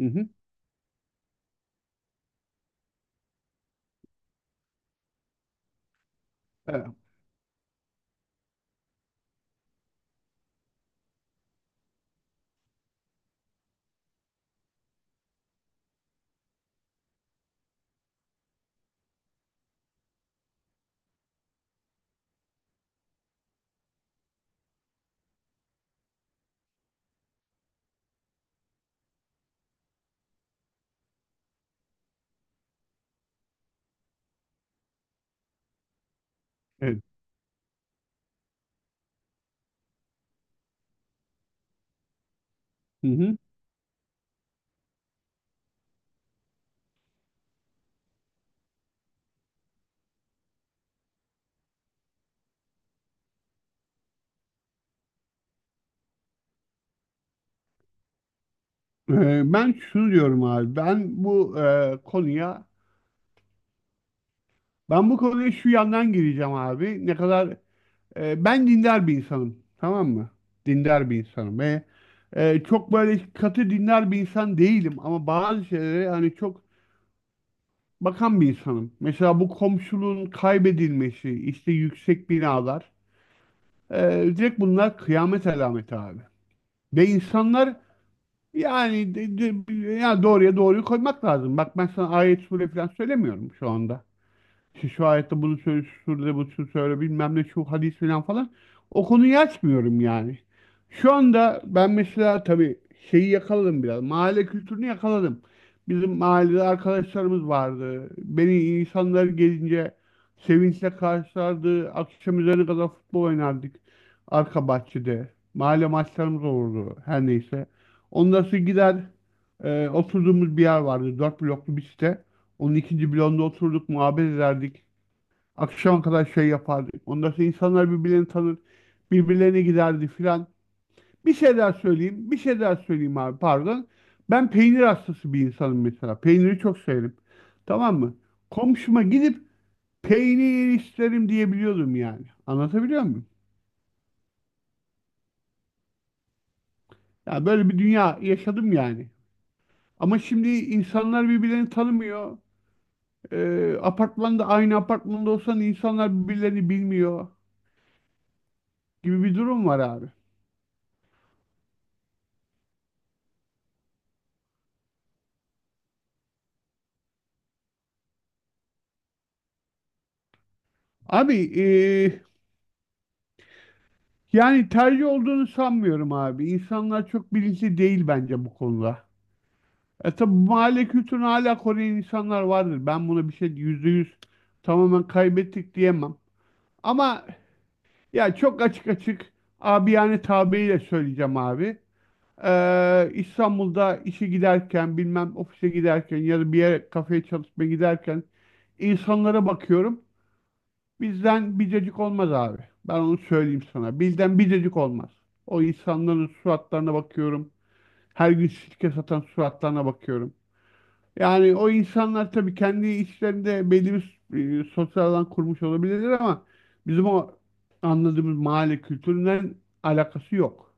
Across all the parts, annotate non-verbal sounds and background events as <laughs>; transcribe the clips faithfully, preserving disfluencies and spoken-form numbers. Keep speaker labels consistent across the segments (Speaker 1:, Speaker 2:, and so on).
Speaker 1: Hı hı. Evet. Evet. Hı hı. Ee, ben şunu diyorum abi. Ben bu e, konuya ben bu konuya şu yandan gireceğim abi. Ne kadar e, ben dindar bir insanım. Tamam mı? Dindar bir insanım ve e, çok böyle katı dindar bir insan değilim ama bazı şeylere hani çok bakan bir insanım. Mesela bu komşuluğun kaybedilmesi, işte yüksek binalar. E, direkt bunlar kıyamet alameti abi. Ve insanlar. Yani de- de- ya doğruya doğruyu koymak lazım. Bak ben sana ayet sure falan söylemiyorum şu anda. İşte şu ayette bunu söyle, şurada bunu söyle bilmem ne şu hadis falan falan. O konuyu açmıyorum yani. Şu anda ben mesela tabii şeyi yakaladım biraz. Mahalle kültürünü yakaladım. Bizim mahallede arkadaşlarımız vardı. Beni insanlar gelince sevinçle karşılardı. Akşam üzeri kadar futbol oynardık. Arka bahçede. Mahalle maçlarımız olurdu. Her neyse. Ondan sonra gider, e, oturduğumuz bir yer vardı. Dört bloklu bir site. Onun ikinci bloğunda oturduk, muhabbet ederdik. Akşama kadar şey yapardık. Ondan sonra insanlar birbirlerini tanır, birbirlerine giderdi filan. Bir şey daha söyleyeyim, bir şey daha söyleyeyim abi pardon. Ben peynir hastası bir insanım mesela. Peyniri çok severim. Tamam mı? Komşuma gidip peynir isterim diyebiliyordum yani. Anlatabiliyor muyum? Ya böyle bir dünya yaşadım yani. Ama şimdi insanlar birbirlerini tanımıyor. Ee, apartmanda, aynı apartmanda olsan insanlar birbirlerini bilmiyor gibi bir durum var abi. Abi eee, yani tercih olduğunu sanmıyorum abi. İnsanlar çok bilinçli değil bence bu konuda. E tabi bu mahalle kültürünü hala koruyan insanlar vardır. Ben buna bir şey yüzde yüz tamamen kaybettik diyemem. Ama ya çok açık açık abi yani tabiriyle söyleyeceğim abi. Eee, İstanbul'da işe giderken bilmem ofise giderken ya da bir yere kafeye çalışmaya giderken insanlara bakıyorum. Bizden bir dedik olmaz abi. Ben onu söyleyeyim sana. Bizden bir dedik olmaz. O insanların suratlarına bakıyorum. Her gün sirke satan suratlarına bakıyorum. Yani o insanlar tabii kendi içlerinde belli bir e, sosyal alan kurmuş olabilirler ama bizim o anladığımız mahalle kültüründen alakası yok.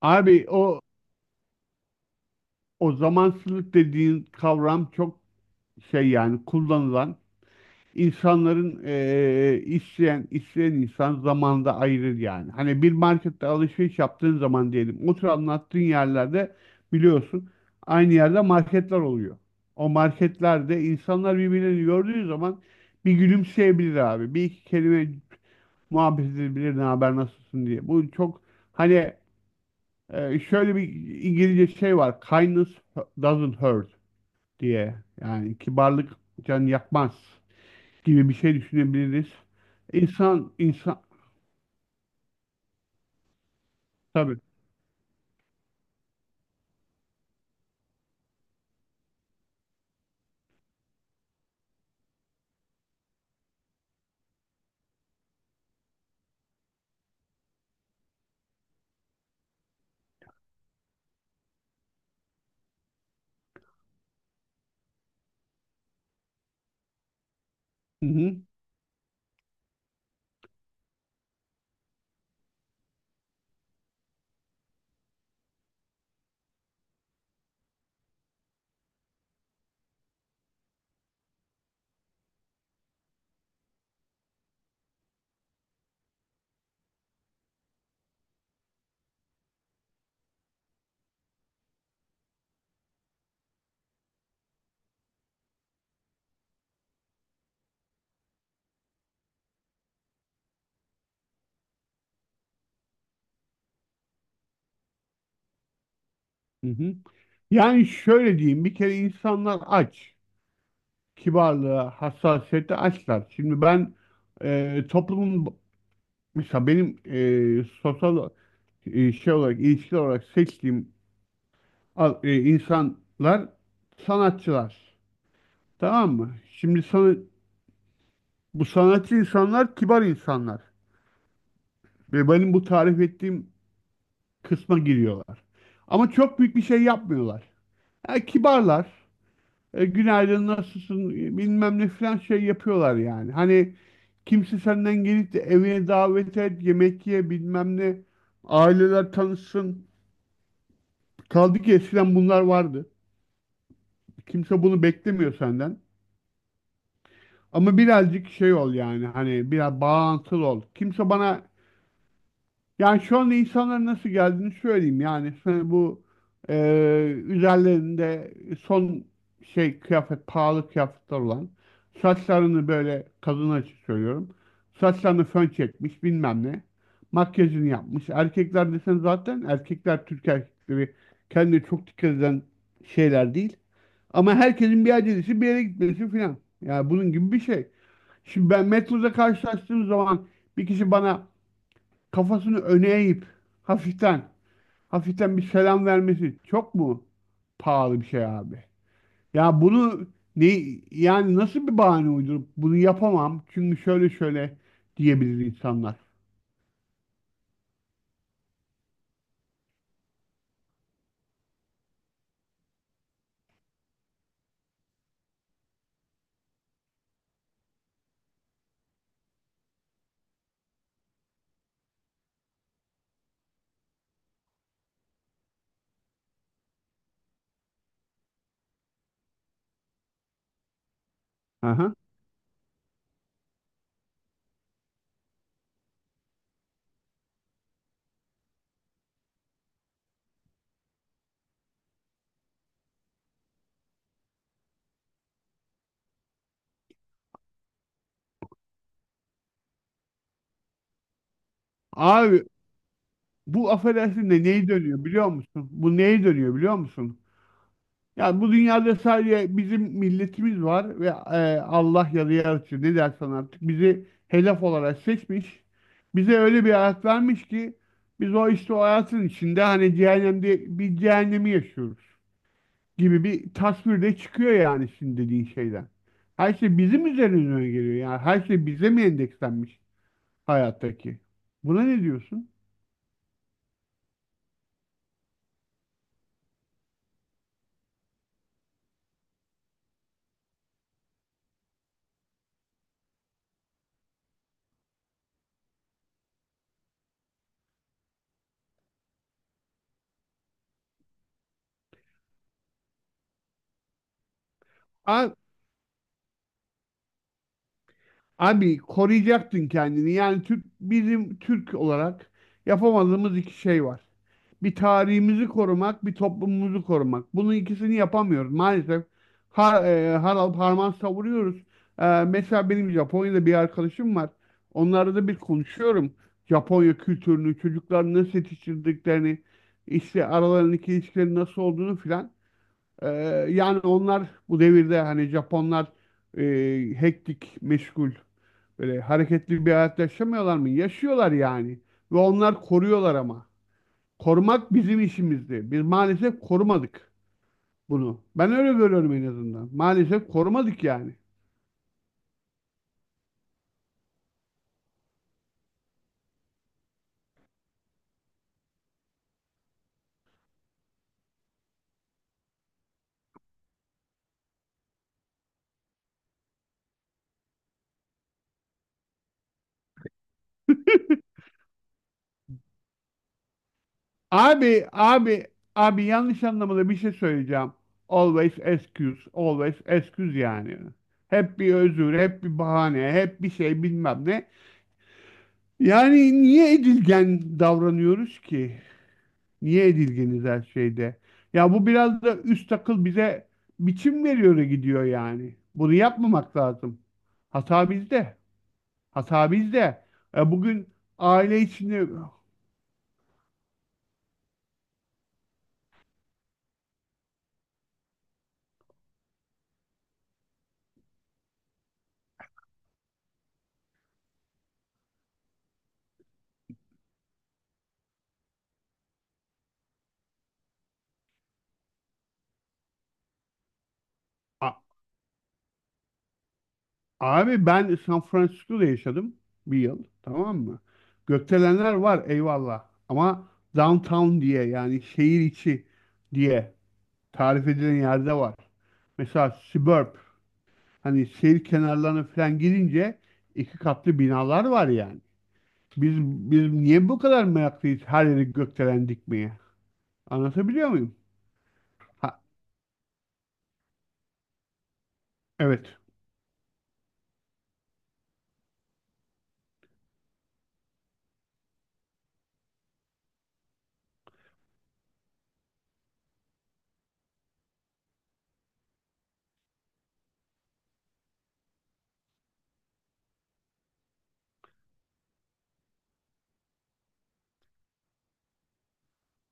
Speaker 1: Abi o o zamansızlık dediğin kavram çok şey yani kullanılan. İnsanların eee isteyen isteyen insan zamanda ayırır yani. Hani bir markette alışveriş yaptığın zaman diyelim otur anlattığın yerlerde biliyorsun aynı yerde marketler oluyor. O marketlerde insanlar birbirini gördüğü zaman bir gülümseyebilir abi. Bir iki kelime muhabbet edebilir ne haber nasılsın diye. Bu çok hani e, şöyle bir İngilizce şey var. Kindness doesn't hurt diye. Yani kibarlık can yakmaz gibi bir şey düşünebiliriz. İnsan, insan tabii. Hı hı, hı hı. Yani şöyle diyeyim, bir kere insanlar aç. Kibarlığa, hassasiyete açlar. Şimdi ben e, toplumun, mesela benim e, sosyal, e, şey olarak, ilişki olarak seçtiğim al- e, insanlar sanatçılar. Tamam mı? Şimdi sana, bu sanatçı insanlar kibar insanlar. Ve benim bu tarif ettiğim kısma giriyorlar. Ama çok büyük bir şey yapmıyorlar. E, kibarlar. E, günaydın nasılsın e, bilmem ne falan şey yapıyorlar yani. Hani kimse senden gelip de evine davet et, yemek ye bilmem ne. Aileler tanışsın. Kaldı ki eskiden bunlar vardı. Kimse bunu beklemiyor senden. Ama birazcık şey ol yani hani biraz bağlantılı ol. Kimse bana. Yani şu anda insanların nasıl geldiğini söyleyeyim. Yani sana bu e, üzerlerinde son şey kıyafet, pahalı kıyafetler olan saçlarını böyle kadın açık söylüyorum. Saçlarını fön çekmiş bilmem ne. Makyajını yapmış. Erkekler desen zaten erkekler Türk erkekleri kendine çok dikkat eden şeyler değil. Ama herkesin bir acelesi bir yere gitmesi filan. Yani bunun gibi bir şey. Şimdi ben metroda karşılaştığım zaman bir kişi bana kafasını öne eğip hafiften hafiften bir selam vermesi çok mu pahalı bir şey abi? Ya bunu ne yani nasıl bir bahane uydurup bunu yapamam çünkü şöyle şöyle diyebilir insanlar. Aha. Abi bu affedersin de neyi dönüyor biliyor musun? Bu neyi dönüyor biliyor musun? Yani bu dünyada sadece bizim milletimiz var ve e, Allah ya da yaratıcı ne dersen artık bizi helaf olarak seçmiş. Bize öyle bir hayat vermiş ki biz o işte o hayatın içinde hani cehennemde bir cehennemi yaşıyoruz gibi bir tasvir de çıkıyor yani şimdi dediğin şeyden. Her şey bizim üzerimize geliyor yani her şey bize mi endekslenmiş hayattaki? Buna ne diyorsun? Abi Abi koruyacaktın kendini. Yani Türk, bizim Türk olarak yapamadığımız iki şey var. Bir tarihimizi korumak, bir toplumumuzu korumak. Bunun ikisini yapamıyoruz maalesef. Har, e, harap harman savuruyoruz. E, mesela benim Japonya'da bir arkadaşım var. Onlarla da bir konuşuyorum. Japonya kültürünü, çocukların nasıl yetiştirdiklerini, işte aralarındaki ilişkilerin nasıl olduğunu filan. E, Yani onlar bu devirde hani Japonlar e, hektik, meşgul. Böyle hareketli bir hayat yaşamıyorlar mı? Yaşıyorlar yani. Ve onlar koruyorlar ama. Korumak bizim işimizdi. Biz maalesef korumadık bunu. Ben öyle görüyorum en azından. Maalesef korumadık yani. <laughs> Abi, abi, abi yanlış anlamada bir şey söyleyeceğim. Always excuse, always excuse yani. Hep bir özür, hep bir bahane, hep bir şey bilmem ne. Yani niye edilgen davranıyoruz ki? Niye edilgeniz her şeyde? Ya bu biraz da üst akıl bize biçim veriyor gidiyor yani. Bunu yapmamak lazım. Hata bizde. Hata bizde. E, bugün aile içinde... A- Abi ben San Francisco'da yaşadım bir yıl. Tamam mı? Gökdelenler var eyvallah. Ama downtown diye yani şehir içi diye tarif edilen yerde var. Mesela suburb. Hani şehir kenarlarına falan girince iki katlı binalar var yani. Biz biz niye bu kadar meraklıyız her yeri gökdelen dikmeye? Anlatabiliyor muyum? Ha, evet.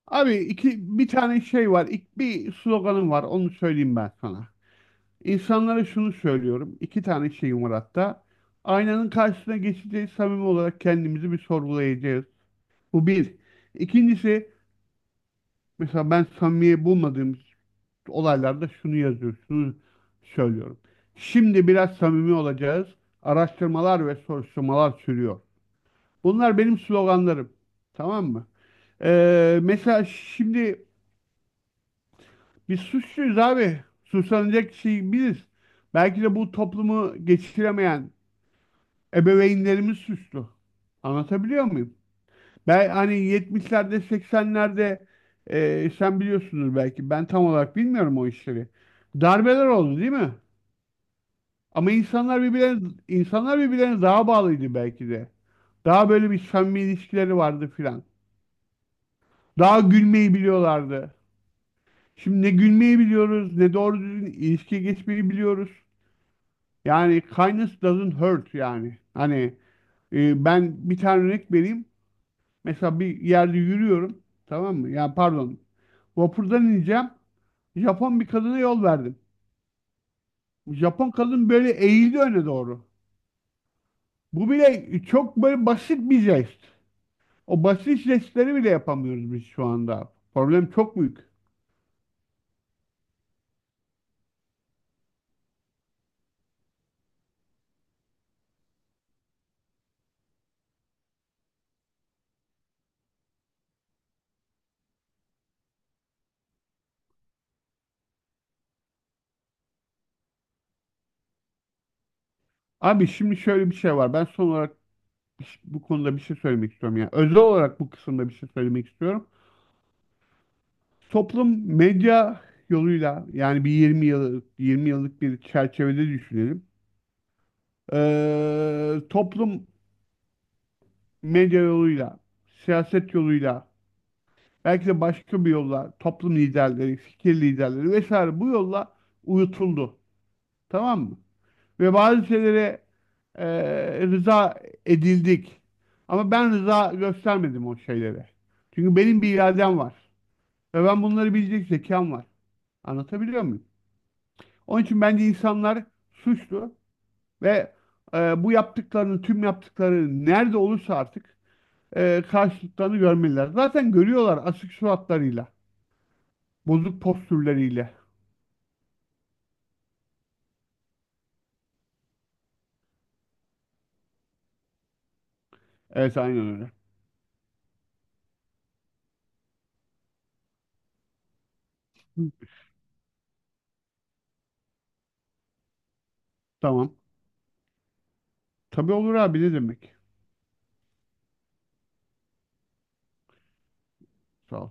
Speaker 1: Abi iki bir tane şey var. İlk bir sloganım var. Onu söyleyeyim ben sana. İnsanlara şunu söylüyorum. İki tane şeyim var hatta. Aynanın karşısına geçeceğiz. Samimi olarak kendimizi bir sorgulayacağız. Bu bir. İkincisi mesela ben samimiye bulmadığım olaylarda şunu yazıyor, şunu söylüyorum. Şimdi biraz samimi olacağız. Araştırmalar ve soruşturmalar sürüyor. Bunlar benim sloganlarım. Tamam mı? Ee, mesela şimdi biz suçluyuz abi. Suçlanacak şey biziz. Belki de bu toplumu geçiremeyen ebeveynlerimiz suçlu. Anlatabiliyor muyum? Ben hani yetmişlerde seksenlerde e, sen biliyorsunuz belki ben tam olarak bilmiyorum o işleri. Darbeler oldu değil mi? Ama insanlar birbirlerine insanlar birbirlerine daha bağlıydı belki de. Daha böyle bir samimi ilişkileri vardı filan. Daha gülmeyi biliyorlardı. Şimdi ne gülmeyi biliyoruz, ne doğru düzgün ilişkiye geçmeyi biliyoruz. Yani kindness doesn't hurt yani. Hani e, ben bir tane örnek vereyim. Mesela bir yerde yürüyorum. Tamam mı? Yani pardon. Vapurdan ineceğim. Japon bir kadına yol verdim. Japon kadın böyle eğildi öne doğru. Bu bile çok böyle basit bir jest. O basit jestleri bile yapamıyoruz biz şu anda. Problem çok büyük. Abi şimdi şöyle bir şey var. Ben son olarak bir şey- bu konuda bir şey söylemek istiyorum. Yani özel olarak bu kısımda bir şey söylemek istiyorum. Toplum medya yoluyla yani bir 20 yıllık 20 yıllık bir çerçevede düşünelim. Ee, toplum medya yoluyla, siyaset yoluyla, belki de başka bir yolla toplum liderleri, fikir liderleri vesaire bu yolla uyutuldu. Tamam mı? Ve bazı şeylere e, rıza edildik. Ama ben rıza göstermedim o şeylere. Çünkü benim bir iradem var. Ve ben bunları bilecek zekam var. Anlatabiliyor muyum? Onun için bence insanlar suçlu ve e, bu yaptıklarının, tüm yaptıkları nerede olursa artık e, karşılıklarını görmeliler. Zaten görüyorlar asık suratlarıyla, bozuk postürleriyle. Evet aynen öyle. Hı, Tamam. Tabii olur abi ne demek. Sağ ol.